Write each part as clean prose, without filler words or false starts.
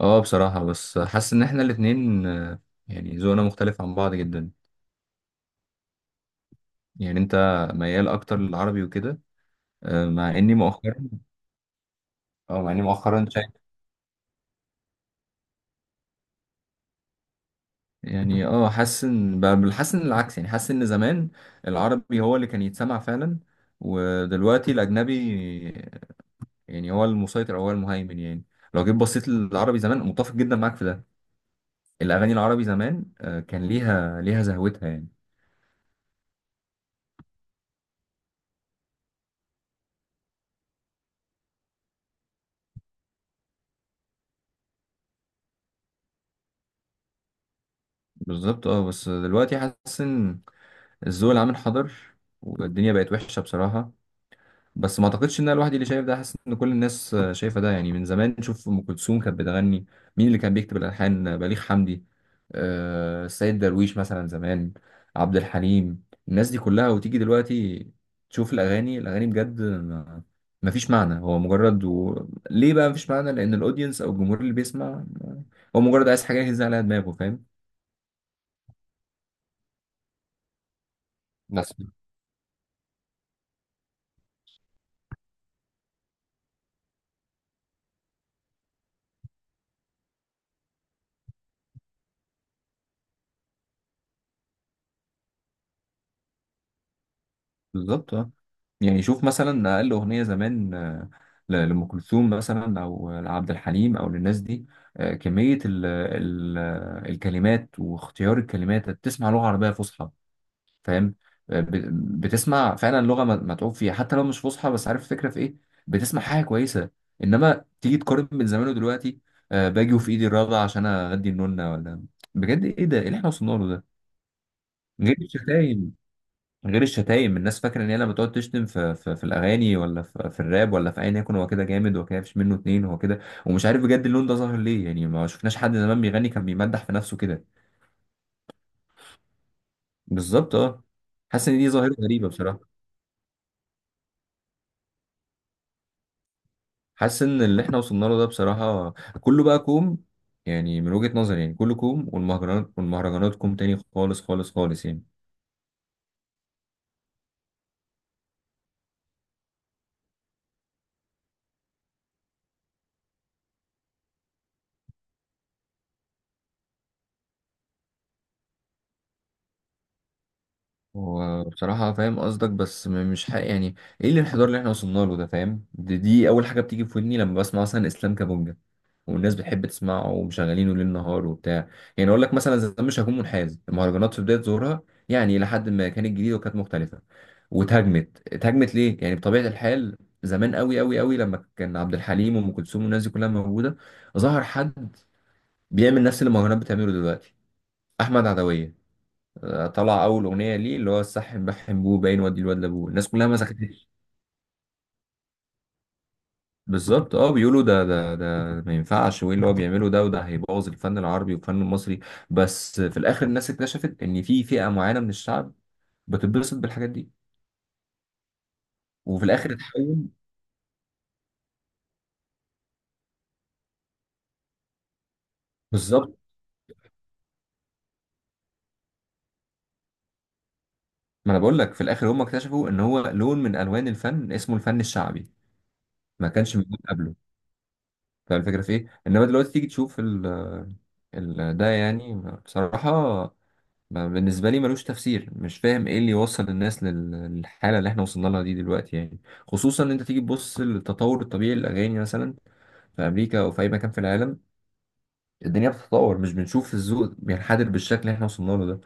اه، بصراحة بس حاسس ان احنا الاتنين، يعني ذوقنا مختلف عن بعض جدا. يعني انت ميال اكتر للعربي وكده. آه، مع اني مؤخرا اه مع اني مؤخرا شايف. يعني حاسس ان العكس، يعني حاسس ان زمان العربي هو اللي كان يتسمع فعلا، ودلوقتي الاجنبي يعني هو المسيطر او هو المهيمن يعني. لو جيت بصيت للعربي زمان متفق جدا معاك في ده. الاغاني العربي زمان كان ليها زهوتها يعني. بالظبط، اه. بس دلوقتي حاسس ان الذوق العام انحدر، والدنيا بقت وحشه بصراحه. بس ما اعتقدش ان انا لوحدي اللي شايف ده، حاسس ان كل الناس شايفه ده يعني. من زمان نشوف ام كلثوم كانت بتغني، مين اللي كان بيكتب الالحان؟ بليغ حمدي، السيد درويش مثلا زمان، عبد الحليم، الناس دي كلها. وتيجي دلوقتي تشوف الاغاني، الاغاني بجد ما فيش معنى، ليه بقى ما فيش معنى؟ لان الاودينس او الجمهور اللي بيسمع هو مجرد عايز حاجه يهز عليها دماغه، فاهم. بس. بالظبط، اه. يعني شوف مثلا اقل اغنيه زمان لام كلثوم مثلا، او لعبد الحليم، او للناس دي. كميه ال ال الكلمات واختيار الكلمات، بتسمع لغه عربيه فصحى، فاهم. بتسمع فعلا لغه متعوب فيها، حتى لو مش فصحى بس عارف الفكره في ايه. بتسمع حاجه كويسه، انما تيجي تقارن بين زمان ودلوقتي. باجي وفي ايدي الرابعه عشان اغدي النونه ولا، بجد ايه ده؟ ايه اللي احنا وصلنا له ده؟ غير الشتايم، غير الشتايم الناس فاكره ان هي لما تقعد تشتم في الاغاني، ولا في الراب، ولا في ايا يكن، هو كده جامد، هو كده مفيش منه اتنين، هو كده. ومش عارف بجد اللون ده ظاهر ليه، يعني ما شفناش حد زمان بيغني كان بيمدح في نفسه كده. بالظبط، اه. حاسس ان دي ظاهره غريبه بصراحه. حاسس ان اللي احنا وصلنا له ده بصراحه كله بقى كوم. يعني من وجهه نظري، يعني كله كوم، والمهرجانات كوم تاني، خالص خالص خالص يعني. وبصراحة فاهم قصدك، بس مش حق يعني. ايه الانحدار اللي احنا وصلنا له ده؟ فاهم، دي اول حاجة بتيجي في ودني لما بسمع مثلا اسلام كابونجا، والناس بتحب تسمعه ومشغلينه ليل نهار وبتاع. يعني اقول لك، مثلا زمان مش هكون منحاز، المهرجانات في بدايه ظهورها يعني الى حد ما كانت جديده وكانت مختلفه. اتهاجمت ليه يعني بطبيعه الحال. زمان قوي قوي قوي، لما كان عبد الحليم وام كلثوم والناس دي كلها موجوده، ظهر حد بيعمل نفس اللي المهرجانات بتعمله دلوقتي، احمد عدويه. طلع اول اغنيه ليه، اللي هو السح بحم بوه باين ودي الواد لابوه، الناس كلها ما سكتتش. بالظبط، اه. بيقولوا ده ما ينفعش، وايه اللي هو بيعمله ده، وده هيبوظ الفن العربي والفن المصري. بس في الاخر الناس اكتشفت ان في فئة معينة من الشعب بتتبسط بالحاجات دي، وفي الاخر اتحول. بالظبط. ما انا بقول لك، في الاخر هم اكتشفوا ان هو لون من الوان الفن اسمه الفن الشعبي، ما كانش موجود قبله. فالفكرة في ايه؟ انما دلوقتي تيجي تشوف ده يعني، بصراحة بالنسبة لي ملوش تفسير، مش فاهم ايه اللي يوصل الناس للحالة اللي احنا وصلنا لها دي دلوقتي يعني. خصوصا ان انت تيجي تبص للتطور الطبيعي للأغاني مثلا في أمريكا أو في أي مكان في العالم، الدنيا بتتطور، مش بنشوف الذوق بينحدر بالشكل اللي احنا وصلنا له ده.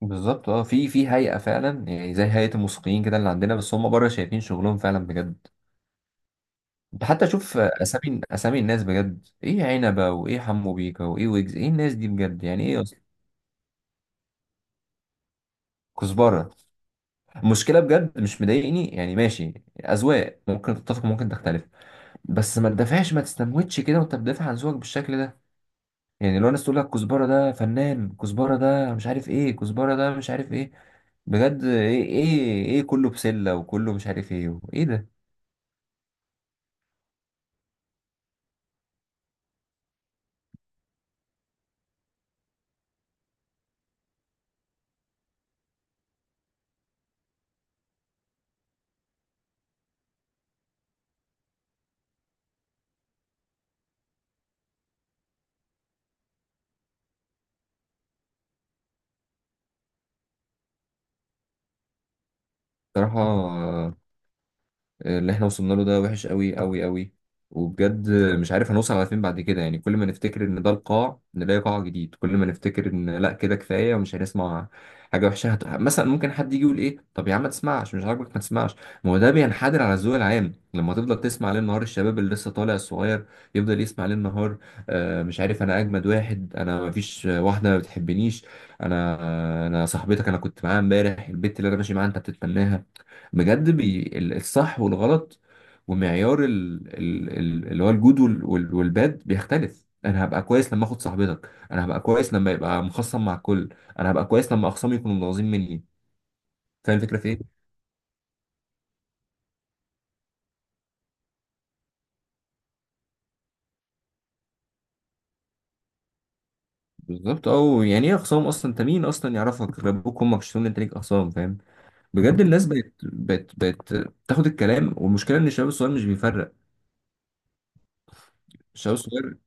بالظبط، اه. في هيئة فعلا يعني، زي هيئة الموسيقيين كده اللي عندنا، بس هم بره شايفين شغلهم فعلا بجد. انت حتى شوف أسامي أسامي الناس بجد، ايه عنبة وايه حمو بيكا وايه ويجز، ايه الناس دي بجد، يعني ايه أصلا؟ كزبرة. المشكله بجد مش مضايقني يعني، ماشي، اذواق ممكن تتفق ممكن تختلف. بس ما تدافعش، ما تستموتش كده وانت بتدافع عن ذوقك بالشكل ده. يعني لو الناس تقول لك كزبره ده فنان، كزبره ده مش عارف ايه، كزبره ده مش عارف ايه. بجد ايه كله بسله، وكله مش عارف ايه، ايه ده؟ بصراحه اللي احنا وصلنا له ده وحش قوي قوي قوي. وبجد مش عارف هنوصل على فين بعد كده يعني، كل ما نفتكر ان ده القاع نلاقي قاع جديد، كل ما نفتكر ان لا كده كفايه ومش هنسمع حاجه وحشه مثلا ممكن حد يجي يقول ايه، طب يا عم ما تسمعش مش عاجبك ما تسمعش. ما هو ده بينحدر على الذوق العام، لما تفضل تسمع ليل نهار، الشباب اللي لسه طالع الصغير يفضل يسمع ليل نهار، آه مش عارف انا اجمد واحد، انا ما فيش واحده ما بتحبنيش، انا صاحبتك، انا كنت معاها امبارح البت اللي انا ماشي معاها انت بتتمناها. بجد الصح والغلط، ومعيار اللي هو الجود والباد بيختلف. انا هبقى كويس لما اخد صاحبتك، انا هبقى كويس لما يبقى مخصم مع الكل، انا هبقى كويس لما اخصامي يكونوا متغاظين مني، فاهم الفكره في ايه. بالظبط، او يعني ايه اخصام اصلا؟ انت مين اصلا يعرفك غير ابوك وامك؟ شتون انت ليك اخصام؟ فاهم. بجد الناس بقت تاخد الكلام، والمشكله ان الشباب الصغير مش بيفرق. الشباب الصغير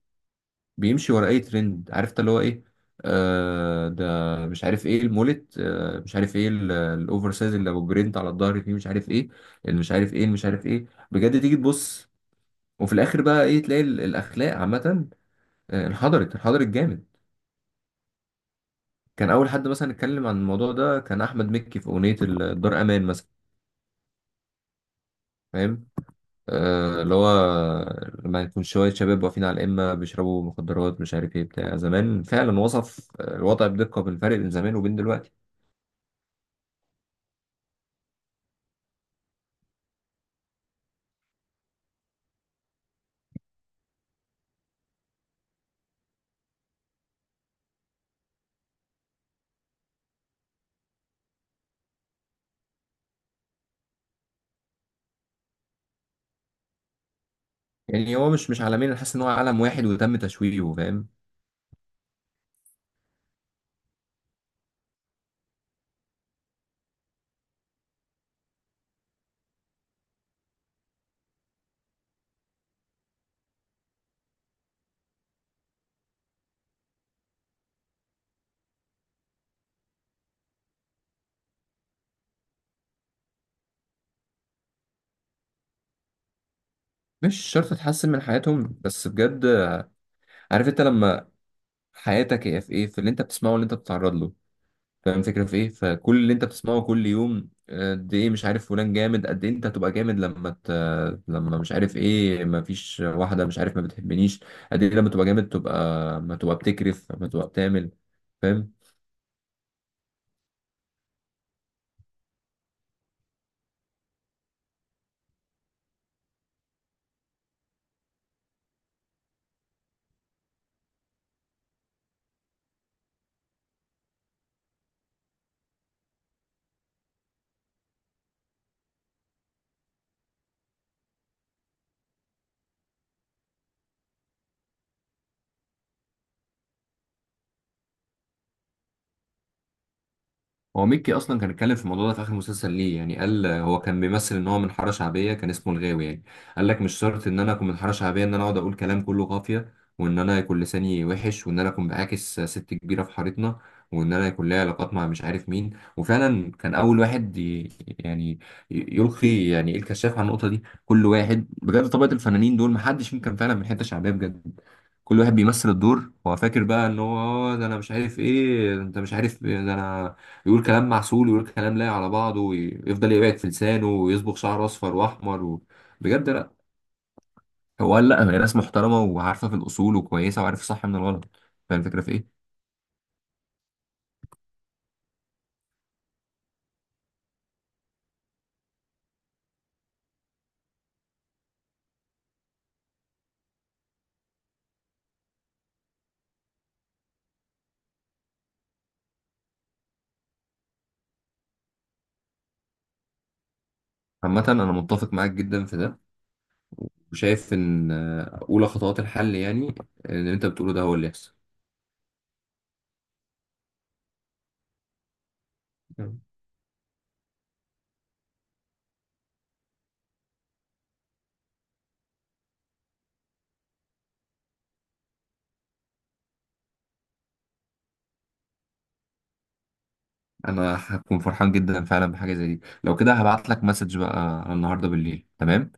بيمشي ورا اي ترند، عرفت اللي هو ايه؟ ده مش عارف ايه المولت، مش عارف ايه الاوفر سايز اللي ابو جرينت على الظهر فيه، مش عارف ايه، اللي مش عارف ايه، اللي مش عارف ايه. بجد تيجي تبص وفي الاخر بقى ايه؟ تلاقي الاخلاق عامه انحدرت انحدرت جامد. كان اول حد مثلا اتكلم عن الموضوع ده كان احمد مكي في اغنيه الدار امان مثلا. فاهم، اللي هو لما يكون شويه شباب واقفين على القمه بيشربوا مخدرات مش عارف ايه بتاع زمان، فعلا وصف الوضع بدقه، بالفرق بين زمان وبين دلوقتي. يعني هو مش عالمين، انا حاسس ان هو عالم واحد وتم تشويهه، فاهم. مش شرط تحسن من حياتهم بس بجد، عارف انت لما حياتك هي في ايه، في اللي انت بتسمعه واللي انت بتتعرض له، فاهم الفكره في ايه. فكل اللي انت بتسمعه كل يوم قد ايه مش عارف فلان جامد، قد ايه انت هتبقى جامد لما مش عارف ايه، ما فيش واحده مش عارف ما بتحبنيش، قد ايه لما تبقى جامد، تبقى ما تبقى بتكرف، ما تبقى بتعمل، فاهم. هو ميكي اصلا كان اتكلم في الموضوع ده في اخر مسلسل ليه يعني، قال هو كان بيمثل ان هو من حاره شعبيه، كان اسمه الغاوي يعني. قال لك مش شرط ان انا اكون من حاره شعبيه ان انا اقعد اقول كلام كله قافيه، وان انا يكون لساني وحش، وان انا اكون بعاكس ست كبيره في حارتنا، وان انا يكون ليا علاقات مع مش عارف مين. وفعلا كان اول واحد يعني ي- يلقي يعني إيه الكشاف على النقطه دي. كل واحد بجد، طبقه الفنانين دول محدش فيهم كان فعلا من حته شعبيه بجد. كل واحد بيمثل الدور، هو فاكر بقى ان هو ده انا مش عارف ايه، ده انت مش عارف إيه، ده انا يقول كلام معسول، ويقول كلام لايق على بعضه، ويفضل يقعد في لسانه، ويصبغ شعره اصفر واحمر بجد لا. هو قال لا، هي ناس محترمه وعارفه في الاصول وكويسه وعارفه الصح من الغلط، فاهم الفكره في ايه؟ عامة أنا متفق معاك جدا في ده، وشايف إن أولى خطوات الحل يعني اللي أنت بتقوله ده هو اللي يحصل. تمام. أنا هكون فرحان جدا فعلا بحاجة زي دي، لو كده هبعت لك مسج بقى النهاردة بالليل، تمام؟